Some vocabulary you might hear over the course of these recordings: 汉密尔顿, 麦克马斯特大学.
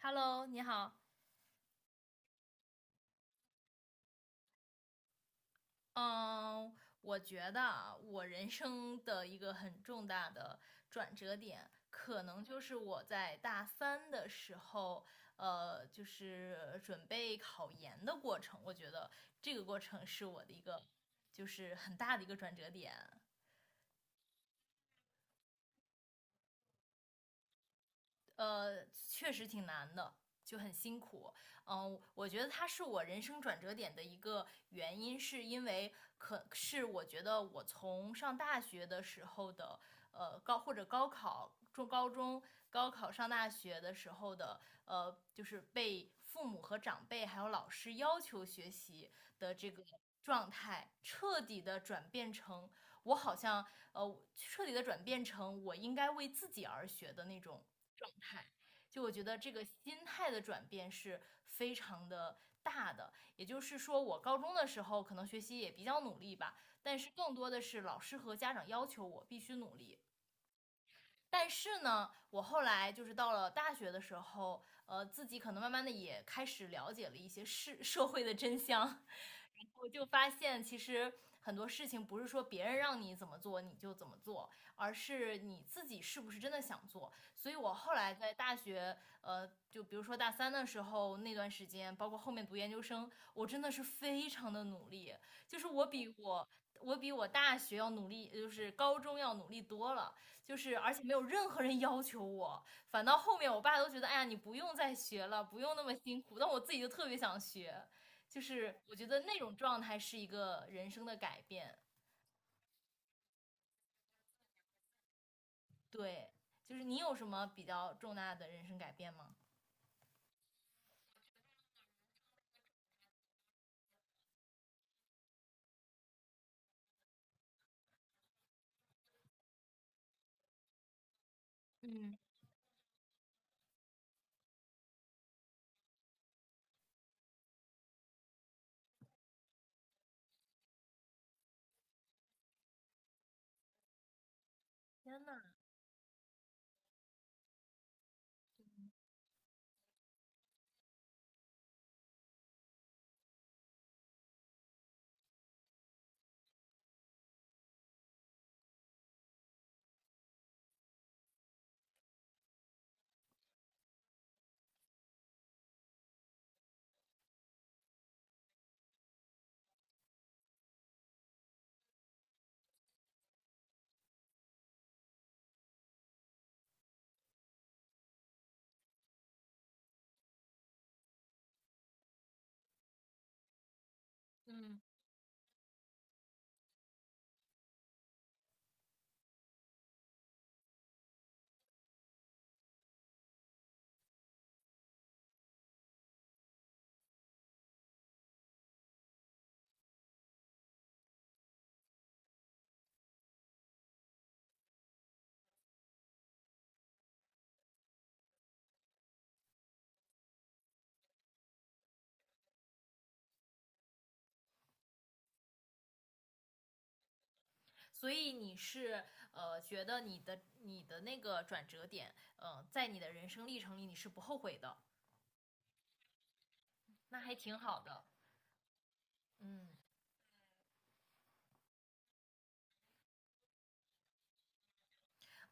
Hello，你好。嗯，我觉得啊，我人生的一个很重大的转折点，可能就是我在大三的时候，就是准备考研的过程。我觉得这个过程是我的一个，就是很大的一个转折点。确实挺难的，就很辛苦。我觉得它是我人生转折点的一个原因，是因为可是我觉得我从上大学的时候的高或者高考、中高中、高考上大学的时候的就是被父母和长辈还有老师要求学习的这个状态，彻底的转变成我好像彻底的转变成我应该为自己而学的那种态。就我觉得这个心态的转变是非常的大的。也就是说，我高中的时候可能学习也比较努力吧，但是更多的是老师和家长要求我必须努力。但是呢，我后来就是到了大学的时候，自己可能慢慢的也开始了解了一些事，社会的真相，然后就发现其实很多事情不是说别人让你怎么做你就怎么做，而是你自己是不是真的想做。所以我后来在大学，就比如说大三的时候那段时间，包括后面读研究生，我真的是非常的努力，就是我比我我比大学要努力，就是高中要努力多了。就是而且没有任何人要求我，反倒后面我爸都觉得，哎呀，你不用再学了，不用那么辛苦，但我自己就特别想学。就是我觉得那种状态是一个人生的改变。对，就是你有什么比较重大的人生改变吗？嗯，天呐。嗯，所以你是觉得你的那个转折点，在你的人生历程里你是不后悔的。那还挺好的。嗯。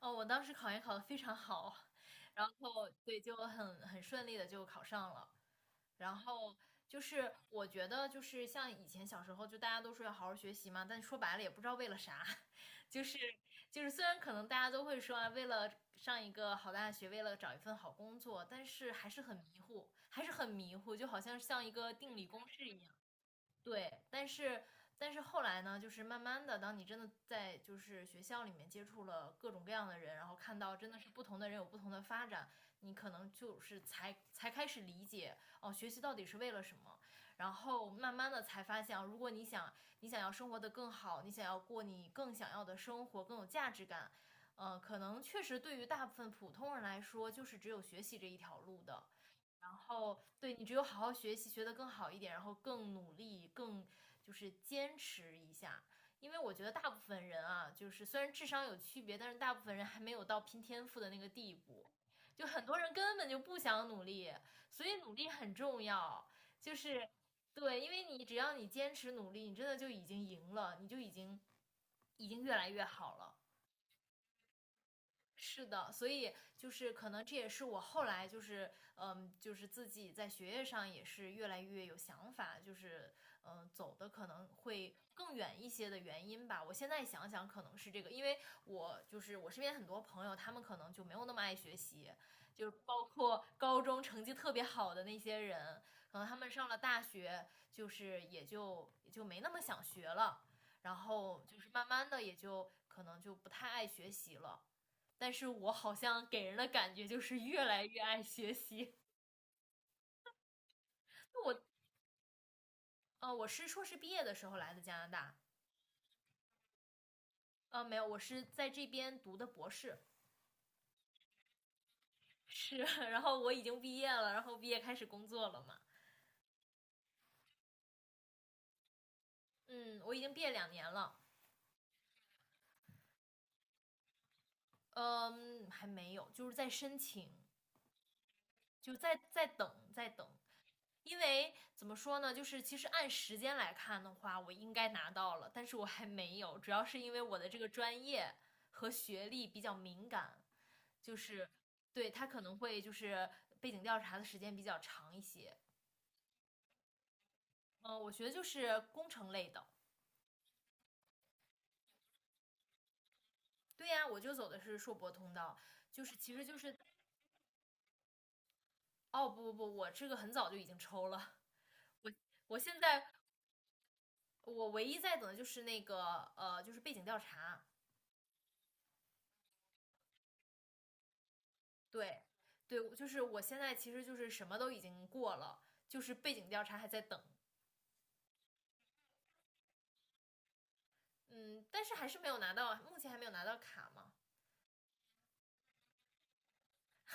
哦，我当时考研考得非常好，然后对，就很顺利的就考上了。然后就是我觉得就是像以前小时候，就大家都说要好好学习嘛，但说白了也不知道为了啥。就是就是虽然可能大家都会说啊，为了上一个好大学，为了找一份好工作，但是还是很迷糊，还是很迷糊，就好像像一个定理公式一样。对。但是后来呢，就是慢慢的，当你真的在就是学校里面接触了各种各样的人，然后看到真的是不同的人有不同的发展，你可能就是才开始理解哦，学习到底是为了什么。然后慢慢的才发现啊，如果你想要生活的更好，你想要过你更想要的生活，更有价值感，可能确实对于大部分普通人来说，就是只有学习这一条路的。然后对，你只有好好学习，学得更好一点，然后更努力，更就是坚持一下。因为我觉得大部分人啊，就是虽然智商有区别，但是大部分人还没有到拼天赋的那个地步。就很多人根本就不想努力，所以努力很重要。就是对，因为你只要你坚持努力，你真的就已经赢了，你就已经越来越好了。是的。所以就是可能这也是我后来就是就是自己在学业上也是越来越有想法，就是走的可能会更远一些的原因吧。我现在想想，可能是这个，因为我就是我身边很多朋友，他们可能就没有那么爱学习，就是包括高中成绩特别好的那些人，可能他们上了大学，就是也就没那么想学了，然后就是慢慢的也就可能就不太爱学习了。但是我好像给人的感觉就是越来越爱学习。我我是硕士毕业的时候来的加拿大。没有，我是在这边读的博士。是，然后我已经毕业了，然后毕业开始工作了嘛。嗯，我已经毕业两年了。嗯，还没有，就是在申请，就在等在等。因为怎么说呢，就是其实按时间来看的话，我应该拿到了，但是我还没有，主要是因为我的这个专业和学历比较敏感，就是对他可能会就是背景调查的时间比较长一些。嗯、我学的就是工程类的。对呀，我就走的是硕博通道。就是其实就是。哦，不不不，我这个很早就已经抽了。我现在我唯一在等的就是那个就是背景调查。对。对，就是我现在其实就是什么都已经过了，就是背景调查还在等。嗯，但是还是没有拿到，目前还没有拿到卡嘛。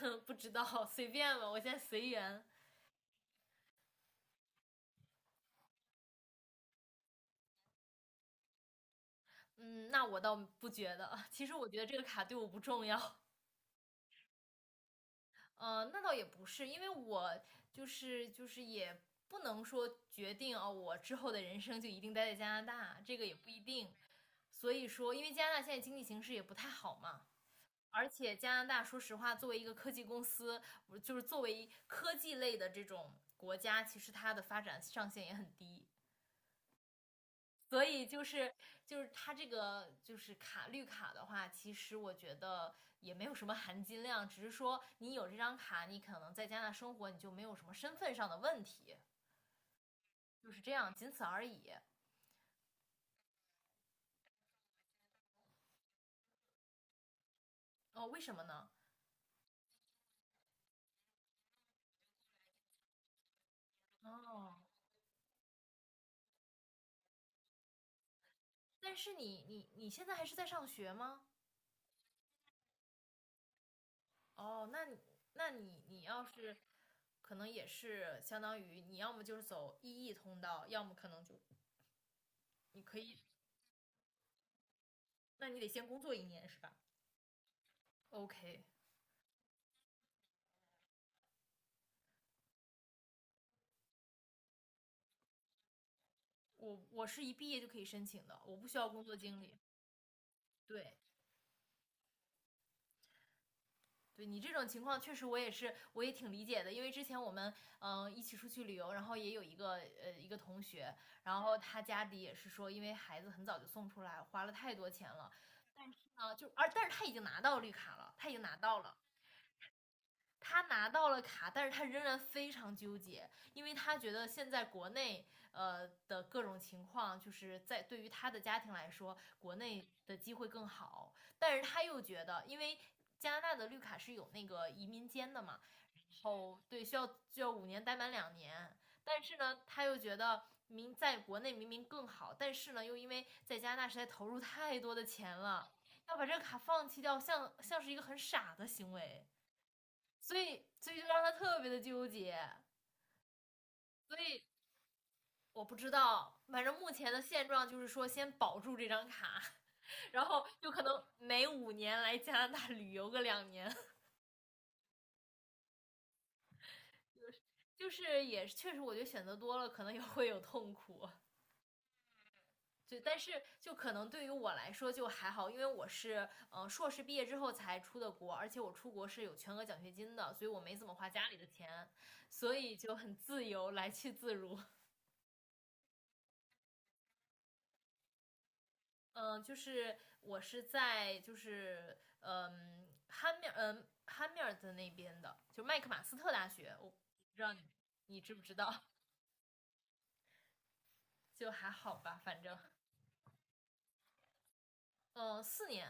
嗯不知道，随便吧，我现在随缘。嗯，那我倒不觉得，其实我觉得这个卡对我不重要。嗯。那倒也不是，因为我就是也不能说决定啊。哦，我之后的人生就一定待在加拿大，这个也不一定。所以说，因为加拿大现在经济形势也不太好嘛。而且加拿大，说实话，作为一个科技公司，就是作为科技类的这种国家，其实它的发展上限也很低。所以就是它这个就是卡绿卡的话，其实我觉得也没有什么含金量，只是说你有这张卡，你可能在加拿大生活，你就没有什么身份上的问题，就是这样，仅此而已。哦，为什么呢？哦，但是你你现在还是在上学吗？哦，那你要是可能也是相当于你，要么就是走 EE 通道，要么可能就你可以。那你得先工作1年是吧？OK。我是一毕业就可以申请的，我不需要工作经历。对。对你这种情况，确实我也是，我也挺理解的。因为之前我们一起出去旅游，然后也有一个同学，然后他家里也是说，因为孩子很早就送出来，花了太多钱了。但是他已经拿到绿卡了，他已经拿到了，他拿到了卡，但是他仍然非常纠结。因为他觉得现在国内的各种情况，就是在对于他的家庭来说，国内的机会更好。但是他又觉得，因为加拿大的绿卡是有那个移民监的嘛，然后对，需要五年待满两年。但是呢，他又觉得。明在国内明明更好，但是呢，又因为在加拿大实在投入太多的钱了，要把这个卡放弃掉，像是一个很傻的行为。所以就让他特别的纠结。所以我不知道，反正目前的现状就是说先保住这张卡，然后有可能每五年来加拿大旅游个两年。就是也确实我觉得选择多了可能也会有痛苦。就但是就可能对于我来说就还好，因为我是硕士毕业之后才出的国，而且我出国是有全额奖学金的，所以我没怎么花家里的钱，所以就很自由，来去自如。嗯、就是我是在就是汉密尔顿那边的，就麦克马斯特大学，我不知道你知不知道。就还好吧，反正嗯4年。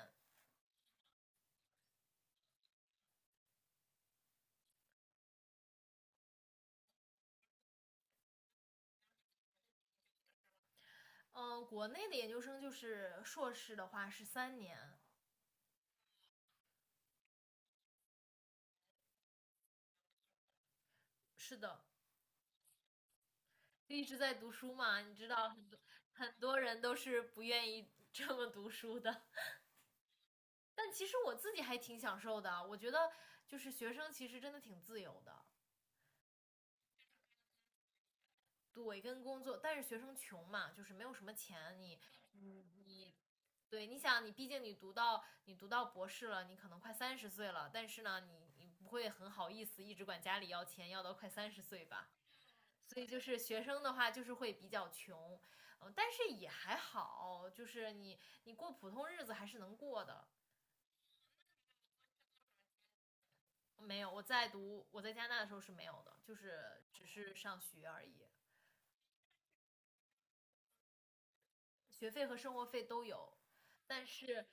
嗯国内的研究生就是硕士的话是3年。是的，就一直在读书嘛。你知道很多很多人都是不愿意这么读书的，但其实我自己还挺享受的。我觉得就是学生其实真的挺自由的。对，跟工作，但是学生穷嘛，就是没有什么钱。你对，你想你毕竟你读到博士了，你可能快三十岁了，但是呢，你不会很好意思一直管家里要钱，要到快三十岁吧。所以就是学生的话，就是会比较穷。嗯，但是也还好，就是你过普通日子还是能过的。没有，我在加拿大的时候是没有的，就是只是上学而已。学费和生活费都有。但是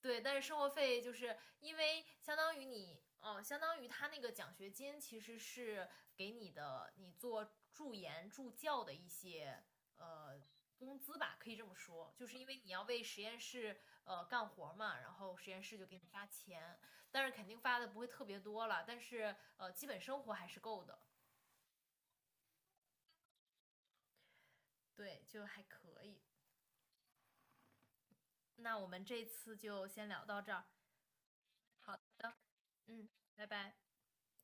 对，但是生活费就是因为相当于你，相当于他那个奖学金其实是给你的，你做助研助教的一些呃工资吧，可以这么说。就是因为你要为实验室干活嘛，然后实验室就给你发钱，但是肯定发的不会特别多了，但是基本生活还是够的。对，就还可以。那我们这次就先聊到这儿。好的。嗯。拜拜。